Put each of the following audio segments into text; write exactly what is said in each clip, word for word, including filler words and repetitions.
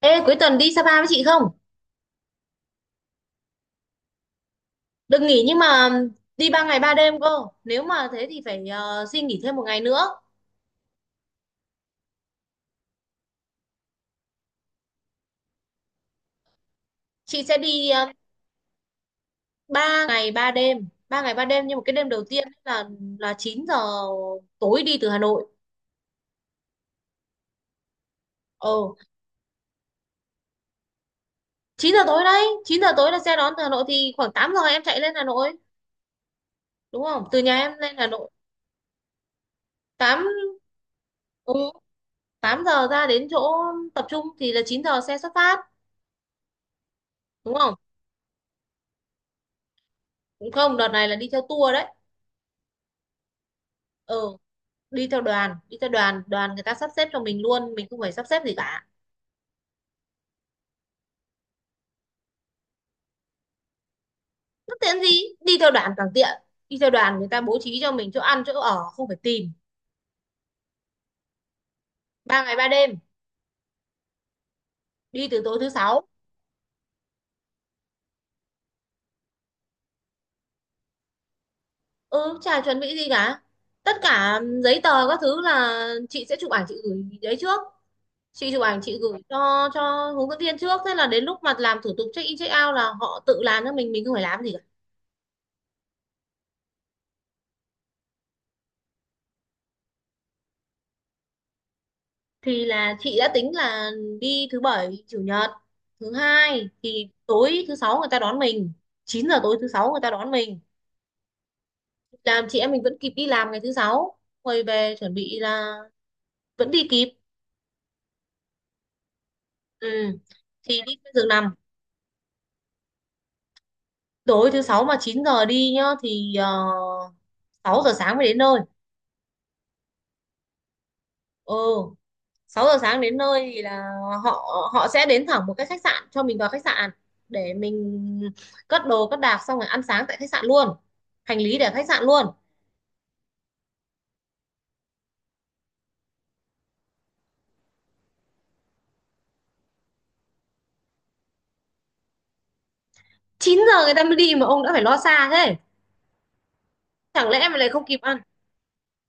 Ê, cuối tuần đi Sapa với chị không? Đừng nghỉ nhưng mà đi ba ngày ba đêm cơ. Nếu mà thế thì phải ờ, xin nghỉ thêm một ngày nữa. Chị sẽ đi uh, ba ngày ba đêm. Ba ngày ba đêm nhưng mà cái đêm đầu tiên ấy là là chín giờ tối đi từ Hà Nội. Ồ, chín giờ tối đấy. Chín giờ tối là xe đón từ Hà Nội thì khoảng tám giờ em chạy lên Hà Nội. Đúng không? Từ nhà em lên Hà Nội. tám ừ, tám giờ ra đến chỗ tập trung thì là chín giờ xe xuất phát. Đúng không? Cũng không, đợt này là đi theo tour đấy. Ừ. đi theo đoàn đi theo đoàn đoàn người ta sắp xếp cho mình luôn, mình không phải sắp xếp gì cả. Bất tiện gì, đi theo đoàn càng tiện. Đi theo đoàn người ta bố trí cho mình chỗ ăn chỗ ở, không phải tìm. Ba ngày ba đêm, đi từ tối thứ sáu. Ừ, chả chuẩn bị gì cả, tất cả giấy tờ các thứ là chị sẽ chụp ảnh chị gửi đấy trước. Chị chụp ảnh chị gửi cho cho hướng dẫn viên trước, thế là đến lúc mà làm thủ tục check in check out là họ tự làm cho mình mình không phải làm gì. Thì là chị đã tính là đi thứ bảy chủ nhật thứ hai, thì tối thứ sáu người ta đón mình. Chín giờ tối thứ sáu người ta đón mình. Làm chị em mình vẫn kịp đi làm ngày thứ sáu, quay về chuẩn bị là vẫn đi kịp. Ừ. Thì đi trên giường nằm. Tối thứ sáu mà chín giờ đi nhá thì uh, sáu giờ sáng mới đến nơi. Ừ, sáu giờ sáng đến nơi thì là họ họ sẽ đến thẳng một cái khách sạn, cho mình vào khách sạn để mình cất đồ cất đạc, xong rồi ăn sáng tại khách sạn luôn. Hành lý để ở khách sạn luôn. Chín giờ người ta mới đi mà ông đã phải lo xa thế. Chẳng lẽ mà lại không kịp ăn.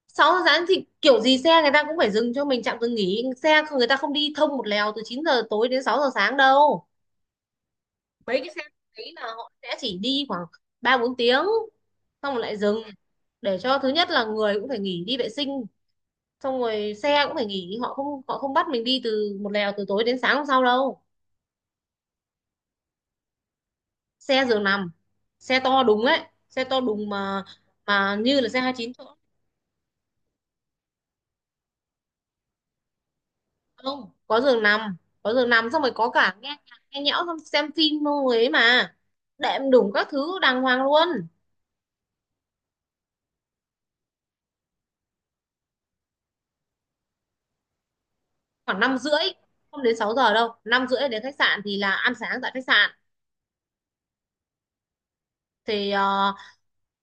Sáu giờ sáng thì kiểu gì xe người ta cũng phải dừng cho mình trạm dừng nghỉ, xe người ta không đi thông một lèo từ chín giờ tối đến sáu giờ sáng đâu. Mấy cái xe đấy là họ sẽ chỉ đi khoảng ba bốn tiếng xong rồi lại dừng. Để cho thứ nhất là người cũng phải nghỉ đi vệ sinh, xong rồi xe cũng phải nghỉ, họ không họ không bắt mình đi từ một lèo từ tối đến sáng hôm sau đâu. Xe giường nằm. Xe to đúng ấy. Xe to đúng mà. Mà như là xe hai mươi chín chỗ. Không có giường nằm, có giường nằm xong rồi có cả nghe nhạc, nghe nhẽo xong xem phim luôn ấy mà. Đệm đủ các thứ đàng hoàng luôn. Khoảng năm rưỡi. Không đến sáu giờ đâu, năm rưỡi đến khách sạn thì là ăn sáng tại khách sạn. Thì ờ,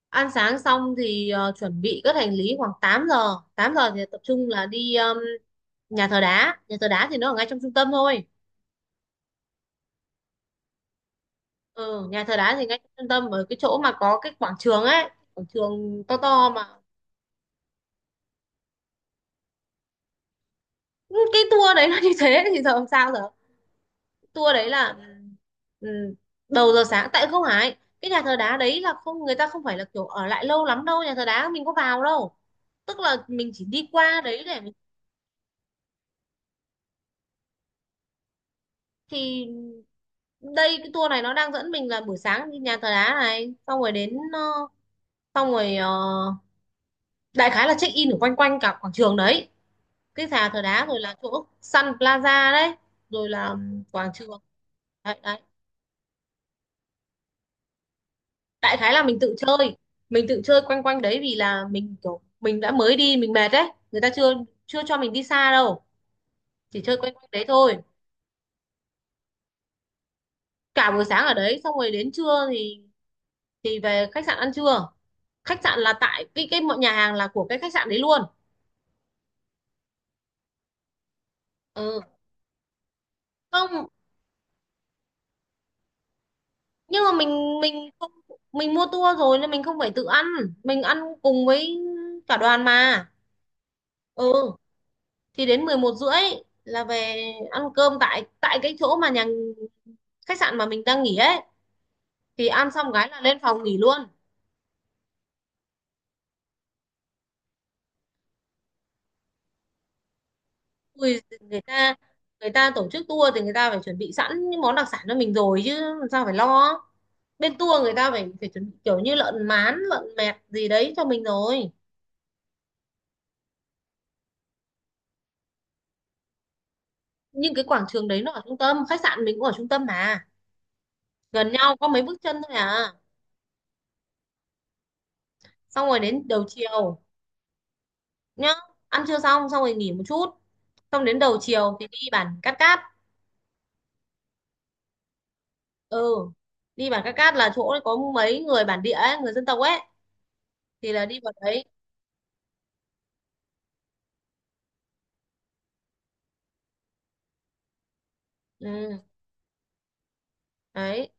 ăn sáng xong thì ờ, chuẩn bị cất hành lý khoảng tám giờ. Tám giờ thì tập trung là đi um, nhà thờ đá. Nhà thờ đá thì nó ở ngay trong trung tâm thôi. Ừ, nhà thờ đá thì ngay trong trung tâm, ở cái chỗ mà có cái quảng trường ấy, quảng trường to to mà. Ừ, cái tour đấy nó như thế thì giờ làm sao giờ. Tour đấy là, ừ, đầu giờ sáng, tại không phải cái nhà thờ đá đấy là không, người ta không phải là kiểu ở lại lâu lắm đâu, nhà thờ đá mình có vào đâu. Tức là mình chỉ đi qua đấy để mình. Thì đây, cái tour này nó đang dẫn mình là buổi sáng đi nhà thờ đá này xong rồi đến ờ, xong rồi ờ, đại khái là check in ở quanh quanh cả quảng trường đấy. Cái nhà thờ đá rồi là chỗ Sun Plaza đấy. Rồi là quảng trường đấy, đấy. Đại khái là mình tự chơi. Mình tự chơi quanh quanh đấy, vì là mình kiểu mình đã mới đi mình mệt đấy, người ta chưa chưa cho mình đi xa đâu, chỉ chơi quanh quanh đấy thôi. Cả buổi sáng ở đấy, xong rồi đến trưa thì thì về khách sạn ăn trưa. Khách sạn là tại cái cái mọi nhà hàng là của cái khách sạn đấy luôn. Ừ, không, nhưng mà mình mình không, mình mua tour rồi nên mình không phải tự ăn. Mình ăn cùng với cả đoàn mà. Ừ, thì đến mười một rưỡi là về ăn cơm tại tại cái chỗ mà nhà khách sạn mà mình đang nghỉ ấy. Thì ăn xong cái là lên phòng nghỉ luôn. Ui, người ta người ta tổ chức tour thì người ta phải chuẩn bị sẵn những món đặc sản cho mình rồi chứ làm sao phải lo. Bên tour người ta phải phải chuẩn bị kiểu như lợn mán lợn mẹt gì đấy cho mình rồi. Nhưng cái quảng trường đấy nó ở trung tâm, khách sạn mình cũng ở trung tâm mà. Gần nhau có mấy bước chân thôi à. Xong rồi đến đầu chiều nhá. Ăn trưa xong xong rồi nghỉ một chút. Xong đến đầu chiều thì đi bản Cát Cát. Ừ, đi bản Cát Cát là chỗ có mấy người bản địa ấy, người dân tộc ấy. Thì là đi vào đấy. Ừ, đấy,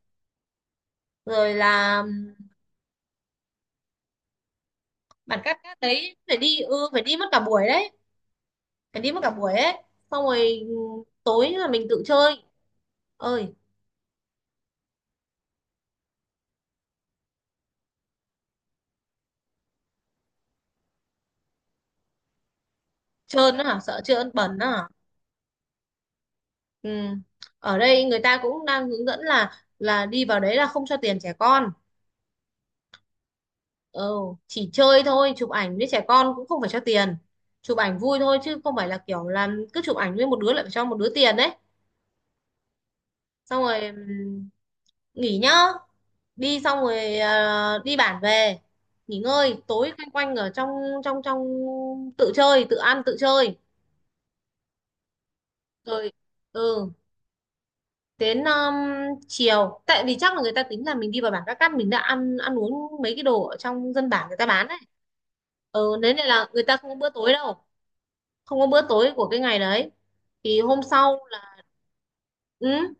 rồi là ừm, bản Cát Cát đấy phải đi, ừ, phải đi mất cả buổi đấy. Phải đi mất cả buổi ấy. Xong rồi ừm, tối là mình tự chơi. Ơi. Trơn á hả? Sợ trơn bẩn á hả? Ừ. Ở đây người ta cũng đang hướng dẫn là là đi vào đấy là không cho tiền trẻ con. Ừ, chỉ chơi thôi, chụp ảnh với trẻ con cũng không phải cho tiền. Chụp ảnh vui thôi chứ không phải là kiểu là cứ chụp ảnh với một đứa lại phải cho một đứa tiền đấy. Xong rồi ừm, nghỉ nhá. Đi xong rồi ờ, đi bản về nghỉ ngơi, tối quanh quanh ở trong, trong trong tự chơi tự ăn tự chơi. Rồi, ừ, đến um, chiều tại vì chắc là người ta tính là mình đi vào bản Các Cát mình đã ăn ăn uống mấy cái đồ ở trong dân bản người ta bán đấy. Ừ, thế nên là người ta không có bữa tối đâu. Không có bữa tối của cái ngày đấy. Thì hôm sau là, ừ,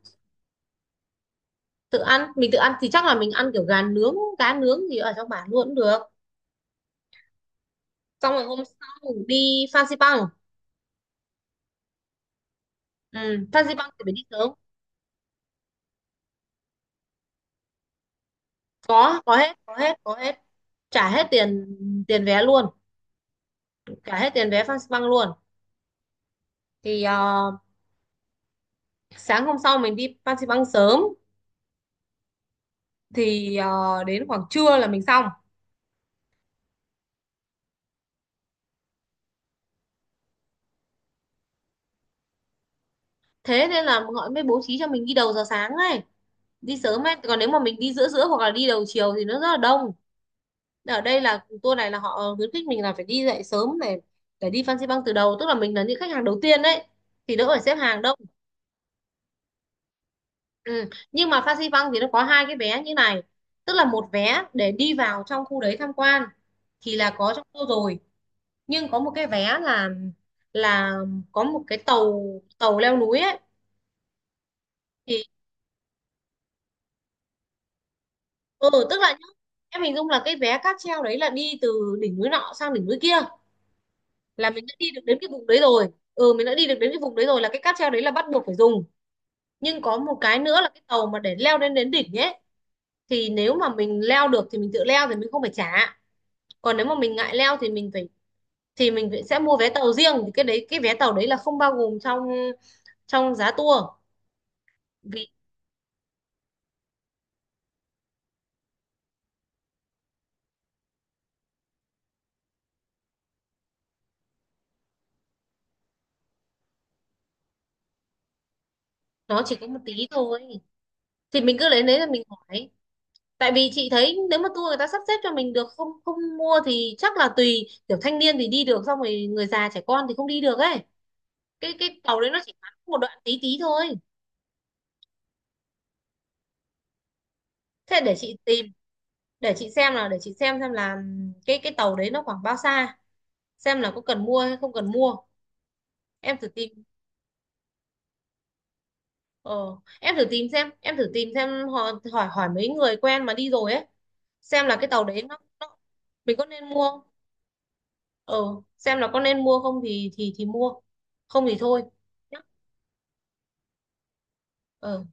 tự ăn, mình tự ăn thì chắc là mình ăn kiểu gà nướng cá nướng gì ở trong bản luôn cũng được. Xong rồi hôm sau đi Fansipan Bang. Ừ, Fansipan Bang thì phải đi sớm. có có hết, có hết, có hết. Trả hết tiền, tiền vé luôn. Trả hết tiền vé Fansipan Bang luôn. Thì ờ, sáng hôm sau mình đi Fansipan Bang sớm. Thì ờ, đến khoảng trưa là mình xong. Thế nên là họ mới bố trí cho mình đi đầu giờ sáng ấy. Đi sớm ấy, còn nếu mà mình đi giữa giữa hoặc là đi đầu chiều thì nó rất là đông. Ở đây là tour này là họ khuyến khích mình là phải đi dậy sớm này. Phải đi Phan Xi Păng từ đầu, tức là mình là những khách hàng đầu tiên đấy. Thì đỡ phải xếp hàng đâu. Ừ. Nhưng mà Phan Xi Păng thì nó có hai cái vé như này. Tức là một vé để đi vào trong khu đấy tham quan, thì là có trong tour rồi. Nhưng có một cái vé là là có một cái tàu tàu leo núi ấy. Thì ừ, tức là nhá, em hình dung là cái vé cáp treo đấy là đi từ đỉnh núi nọ sang đỉnh núi kia. Là mình đã đi được đến cái vùng đấy rồi. Ừ, mình đã đi được đến cái vùng đấy rồi, là cái cáp treo đấy là bắt buộc phải dùng. Nhưng có một cái nữa là cái tàu mà để leo lên đến đỉnh ấy. Thì nếu mà mình leo được thì mình tự leo, thì mình không phải trả. Còn nếu mà mình ngại leo thì mình phải thì mình phải- sẽ mua vé tàu riêng, thì cái đấy cái vé tàu đấy là không bao gồm trong trong giá tour. Vì nó chỉ có một tí thôi. Thì mình cứ lấy đấy là mình hỏi. Tại vì chị thấy nếu mà tour người ta sắp xếp cho mình được không không mua thì chắc là tùy, kiểu thanh niên thì đi được, xong rồi người già trẻ con thì không đi được ấy. Cái cái tàu đấy nó chỉ ngắn một đoạn tí tí thôi. Thế để chị tìm, để chị xem là để chị xem xem là cái cái tàu đấy nó khoảng bao xa. Xem là có cần mua hay không cần mua. Em thử tìm, ờ, em thử tìm xem em thử tìm xem họ hỏi hỏi mấy người quen mà đi rồi ấy. Xem là cái tàu đấy nó, nó Mình có nên mua không. Ờ, xem là có nên mua không thì thì thì mua, không thì thôi nhá. Ờ.